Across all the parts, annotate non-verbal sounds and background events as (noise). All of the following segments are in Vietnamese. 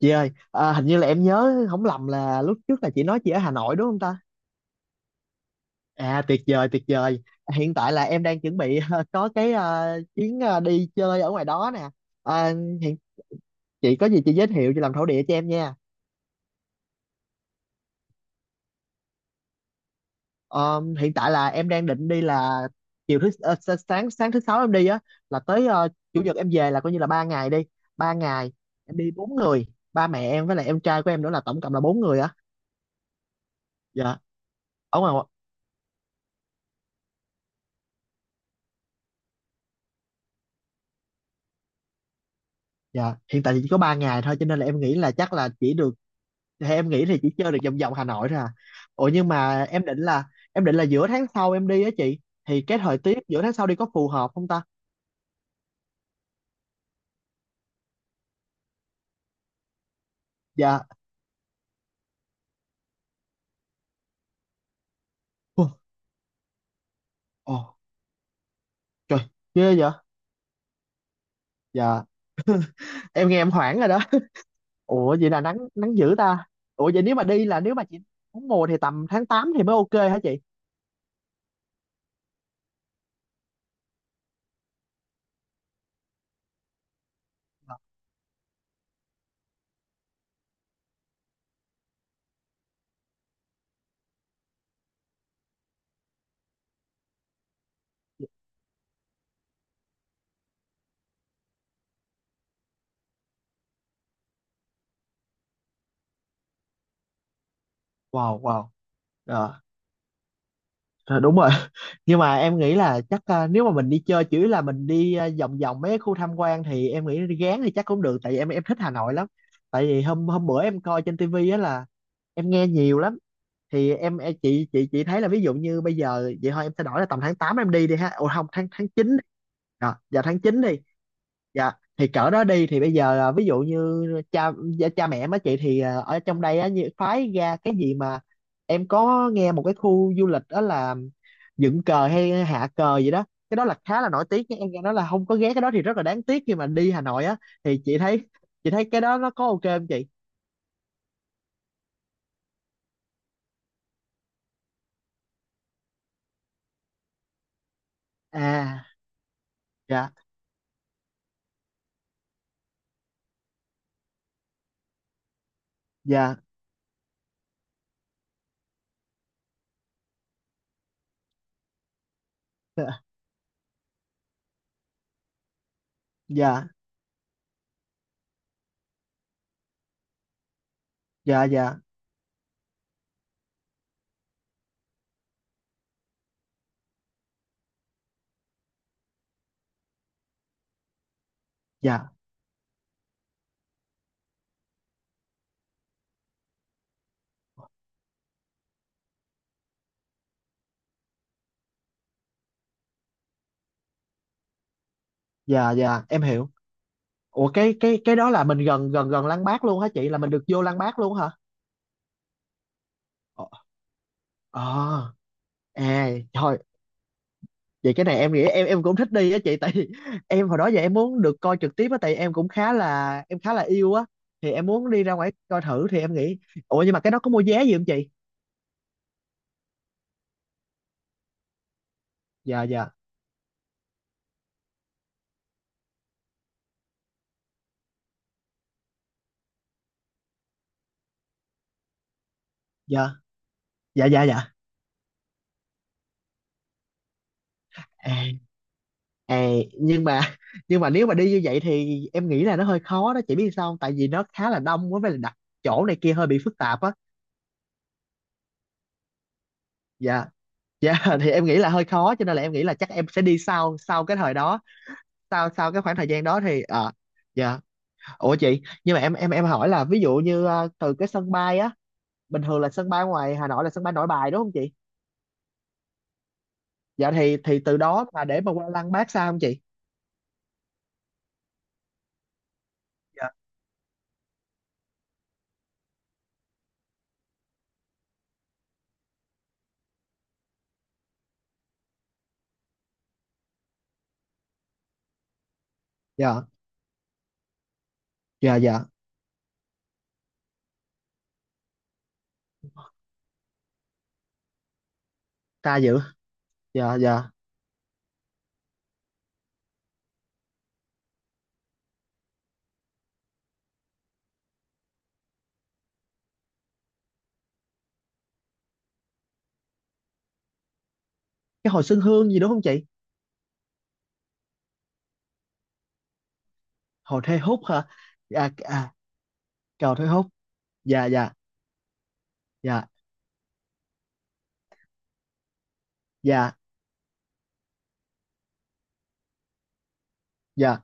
Chị ơi, hình như là em nhớ không lầm là lúc trước là chị nói chị ở Hà Nội đúng không ta? À, tuyệt vời, tuyệt vời. Hiện tại là em đang chuẩn bị (laughs) có cái chuyến đi chơi ở ngoài đó nè. À, hiện chị có gì chị giới thiệu chị làm thổ địa cho em nha. Ờ, Hiện tại là em đang định đi là chiều thứ ờ, sa- sáng sáng thứ sáu em đi á, là tới chủ nhật em về, là coi như là 3 ngày đi. 3 ngày em đi 4 người, ba mẹ em với lại em trai của em nữa, là tổng cộng là 4 người á. Dạ. Ở ngoài Dạ, hiện tại thì chỉ có 3 ngày thôi, cho nên là em nghĩ là chắc là chỉ được, hay em nghĩ thì chỉ chơi được vòng vòng Hà Nội thôi à. Ủa nhưng mà em định là, giữa tháng sau em đi á chị, thì cái thời tiết giữa tháng sau đi có phù hợp không ta? Dạ. Ồ, ồ, trời, ghê vậy. Dạ. Em nghe em hoảng rồi đó. (laughs) Ủa, vậy là nắng nắng dữ ta. Ủa vậy, nếu mà chị muốn mùa thì tầm tháng 8 thì mới ok hả chị? Dạ. Dạ. Wow, wow. Dạ. Rồi, đúng rồi. (laughs) Nhưng mà em nghĩ là chắc, nếu mà mình đi chơi chỉ là mình đi, vòng vòng mấy cái khu tham quan, thì em nghĩ đi Gán thì chắc cũng được, tại vì em thích Hà Nội lắm. Tại vì hôm hôm bữa em coi trên tivi á, là em nghe nhiều lắm, thì chị thấy là, ví dụ như bây giờ vậy thôi, em sẽ đổi là tầm tháng 8 em đi đi ha, ồ không, tháng tháng 9, đi. Đó, giờ tháng 9 đi. Dạ, thì cỡ đó đi thì bây giờ, ví dụ như cha cha mẹ má chị thì ở trong đây á, như phái ra cái gì mà em có nghe một cái khu du lịch đó là dựng cờ hay hạ cờ gì đó, cái đó là khá là nổi tiếng nha, em nghe nói là không có ghé cái đó thì rất là đáng tiếc khi mà đi Hà Nội á. Thì chị thấy, cái đó nó có ok không chị? À. Dạ, dạ. (laughs) Dạ, dạ, dạ, dạ, dạ, dạ, em hiểu. Ủa, cái đó là mình gần, gần Lăng Bác luôn hả chị, là mình được vô Lăng Bác luôn hả? Ờ. Ờ. À thôi, vậy cái này em nghĩ em, cũng thích đi á chị, tại vì (laughs) em hồi đó giờ em muốn được coi trực tiếp á, tại em cũng khá là, yêu á, thì em muốn đi ra ngoài coi thử thì em nghĩ, ủa nhưng mà cái đó có mua vé gì không chị? Dạ, dạ, dạ, dạ, dạ, dạ. À, à, nhưng mà (laughs) nhưng mà nếu mà đi như vậy thì em nghĩ là nó hơi khó đó chị, biết sao không? Tại vì nó khá là đông quá, với là đặt chỗ này kia hơi bị phức tạp á. Dạ. Dạ. (laughs) Thì em nghĩ là hơi khó, cho nên là em nghĩ là chắc em sẽ đi sau, cái thời đó, sau sau cái khoảng thời gian đó thì dạ. Ủa chị, nhưng mà em, hỏi là ví dụ như từ cái sân bay á, bình thường là sân bay ngoài Hà Nội là sân bay Nội Bài đúng không chị? Dạ, thì từ đó mà để mà qua Lăng Bác sao không chị? Dạ. Dạ, dạ dạ, ta dữ. Dạ, dạ. Cái hồ Xuân Hương gì đúng không chị? Hồ Thê Húc hả? Dạ, cầu Thê Húc. Dạ, dạ, dạ, dạ, dạ.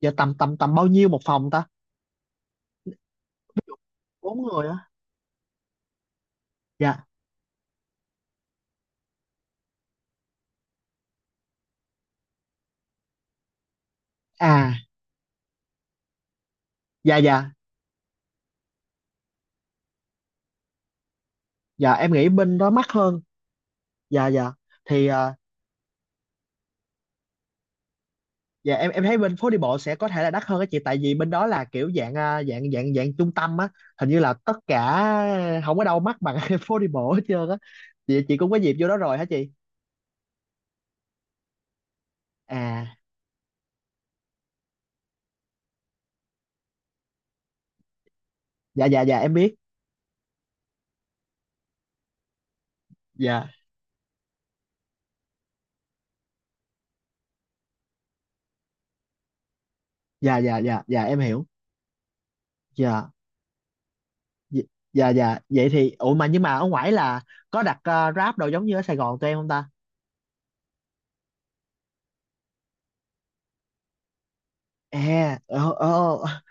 Dạ, tầm tầm tầm bao nhiêu một phòng ta? 4 người á. Dạ. À, dạ, dạ, dạ, em nghĩ bên đó mắc hơn. Dạ, dạ, thì dạ em, thấy bên phố đi bộ sẽ có thể là đắt hơn á chị, tại vì bên đó là kiểu dạng, dạng trung tâm á, hình như là tất cả không có đâu mắc bằng (laughs) phố đi bộ hết trơn á. Chị cũng có dịp vô đó rồi hả chị? À, dạ, dạ, dạ, em biết. Dạ, dạ, dạ, dạ, dạ, em hiểu. Dạ, dạ, dạ, dạ. Vậy thì, ủa mà nhưng mà ở ngoài là có đặt, Grab đồ giống như ở Sài Gòn tụi em không ta? À,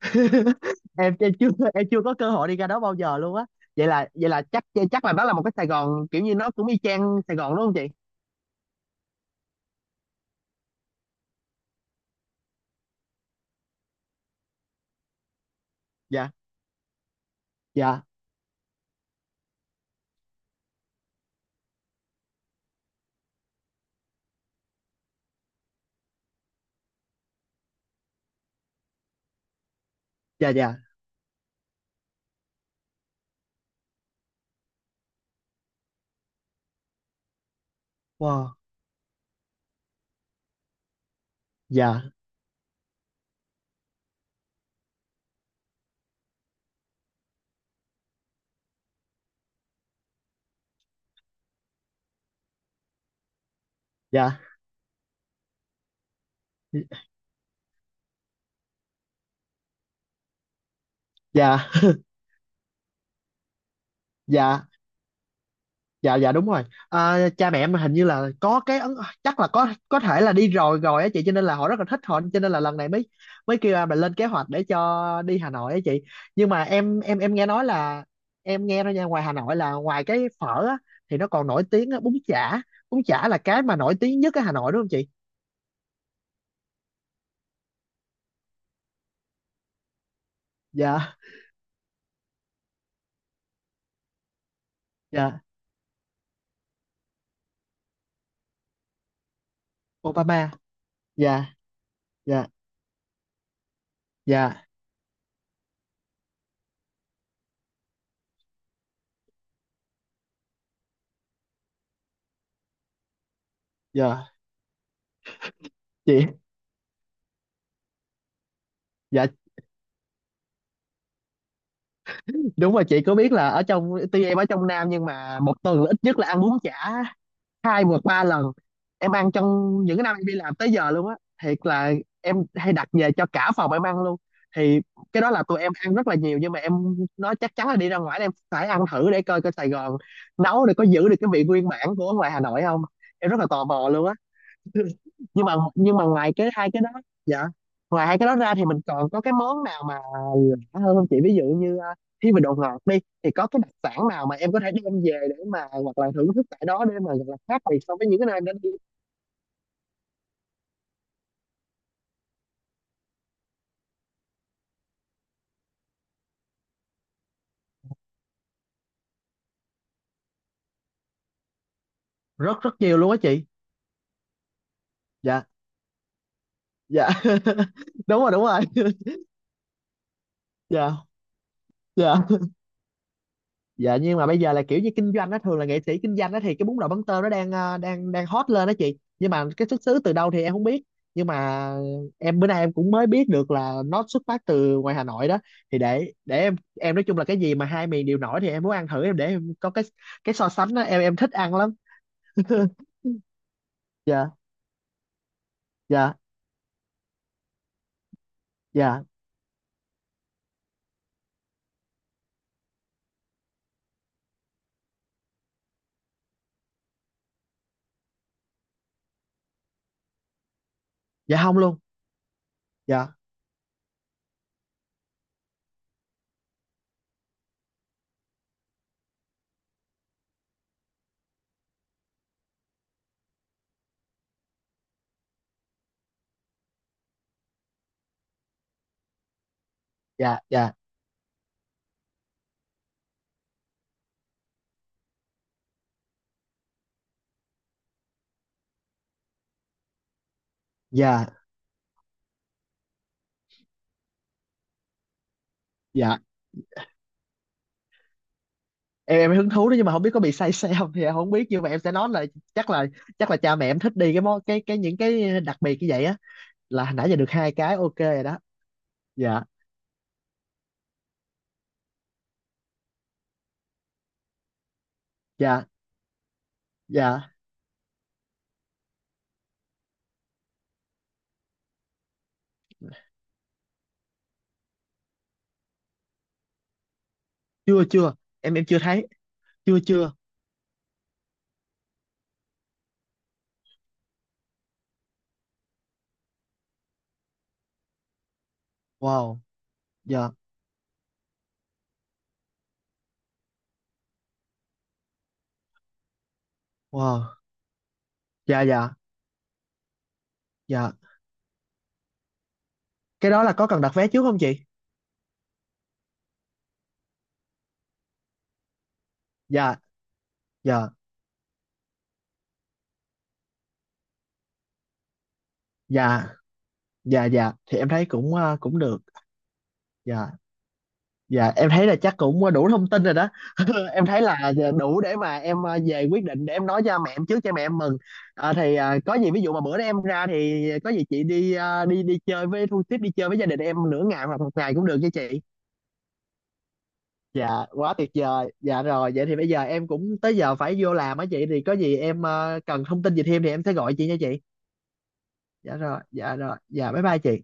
(laughs) em, chưa có cơ hội đi ra đó bao giờ luôn á. Vậy là, chắc, là đó là một cái Sài Gòn kiểu như nó cũng y chang Sài Gòn đúng không chị? Dạ, dạ, dạ, dạ, wow, dạ, dạ, dạ, dạ, dạ, dạ, đúng rồi. Cha mẹ em hình như là có cái ấn, chắc là có thể là đi rồi rồi á chị, cho nên là họ rất là thích, họ cho nên là lần này mới, kêu em là lên kế hoạch để cho đi Hà Nội á chị. Nhưng mà em, nghe nói là, em nghe nói nha, ngoài Hà Nội là ngoài cái phở á, thì nó còn nổi tiếng á, bún chả, bún chả là cái mà nổi tiếng nhất ở Hà Nội đúng không chị? Dạ, dạ. Obama. Dạ, dạ, dạ, dạ, chị. Dạ, đúng rồi chị. Có biết là ở trong, tuy em ở trong Nam nhưng mà một tuần là ít nhất là ăn bún chả hai vượt ba lần, em ăn trong những cái năm em đi làm tới giờ luôn á. Thiệt là, em hay đặt về cho cả phòng em ăn luôn, thì cái đó là tụi em ăn rất là nhiều. Nhưng mà em nói chắc chắn là đi ra ngoài em phải ăn thử để coi coi Sài Gòn nấu để có giữ được cái vị nguyên bản của ngoài Hà Nội không, em rất là tò mò luôn á. (laughs) Nhưng mà, ngoài cái hai cái đó, dạ, ngoài hai cái đó ra thì mình còn có cái món nào mà lạ hơn không chị, ví dụ như khi về đồ ngọt đi, thì có cái đặc sản nào mà em có thể đem về để mà, hoặc là thưởng thức tại đó, để mà gọi là khác biệt so với những cái nơi em đã đi. Rất rất nhiều luôn á chị. Dạ, dạ. (laughs) Đúng rồi, đúng rồi. (laughs) Dạ, dạ, dạ. Nhưng mà bây giờ là kiểu như kinh doanh, nó thường là nghệ sĩ kinh doanh đó, thì cái bún đậu mắm tôm nó đang, đang, hot lên đó chị, nhưng mà cái xuất xứ từ đâu thì em không biết. Nhưng mà em bữa nay em cũng mới biết được là nó xuất phát từ ngoài Hà Nội đó. Thì để, em, nói chung là cái gì mà hai miền đều nổi thì em muốn ăn thử, em để em có cái, so sánh đó, em thích ăn lắm. (laughs) Dạ, dạ, dạ, dạ, dạ, không luôn. Dạ, dạ, dạ, dạ, dạ, em, hứng thú đó, nhưng mà không biết có bị say xe không thì em không biết, nhưng mà em sẽ nói là chắc là, cha mẹ em thích đi cái món cái những cái đặc biệt như vậy á, là hồi nãy giờ được hai cái ok rồi đó. Dạ, dạ, dạ, chưa, chưa, em, chưa thấy, chưa, chưa, wow, dạ, wow, dạ, dạ, dạ. Cái đó là có cần đặt vé trước không chị? Dạ, dạ, dạ, dạ, dạ, thì em thấy cũng, cũng được. Dạ. Dạ, em thấy là chắc cũng đủ thông tin rồi đó. (laughs) Em thấy là đủ để mà em, về quyết định, để em nói cho mẹ em trước cho mẹ em mừng. Ờ, thì có gì ví dụ mà bữa đó em ra thì có gì chị đi, đi chơi với thu tiếp, đi chơi với gia đình em nửa ngày hoặc một ngày cũng được nha chị. Dạ, quá tuyệt vời. Dạ rồi, vậy thì bây giờ em cũng tới giờ phải vô làm á chị. Thì có gì em, cần thông tin gì thêm thì em sẽ gọi chị nha chị. Dạ rồi, dạ rồi, dạ, bye bye chị.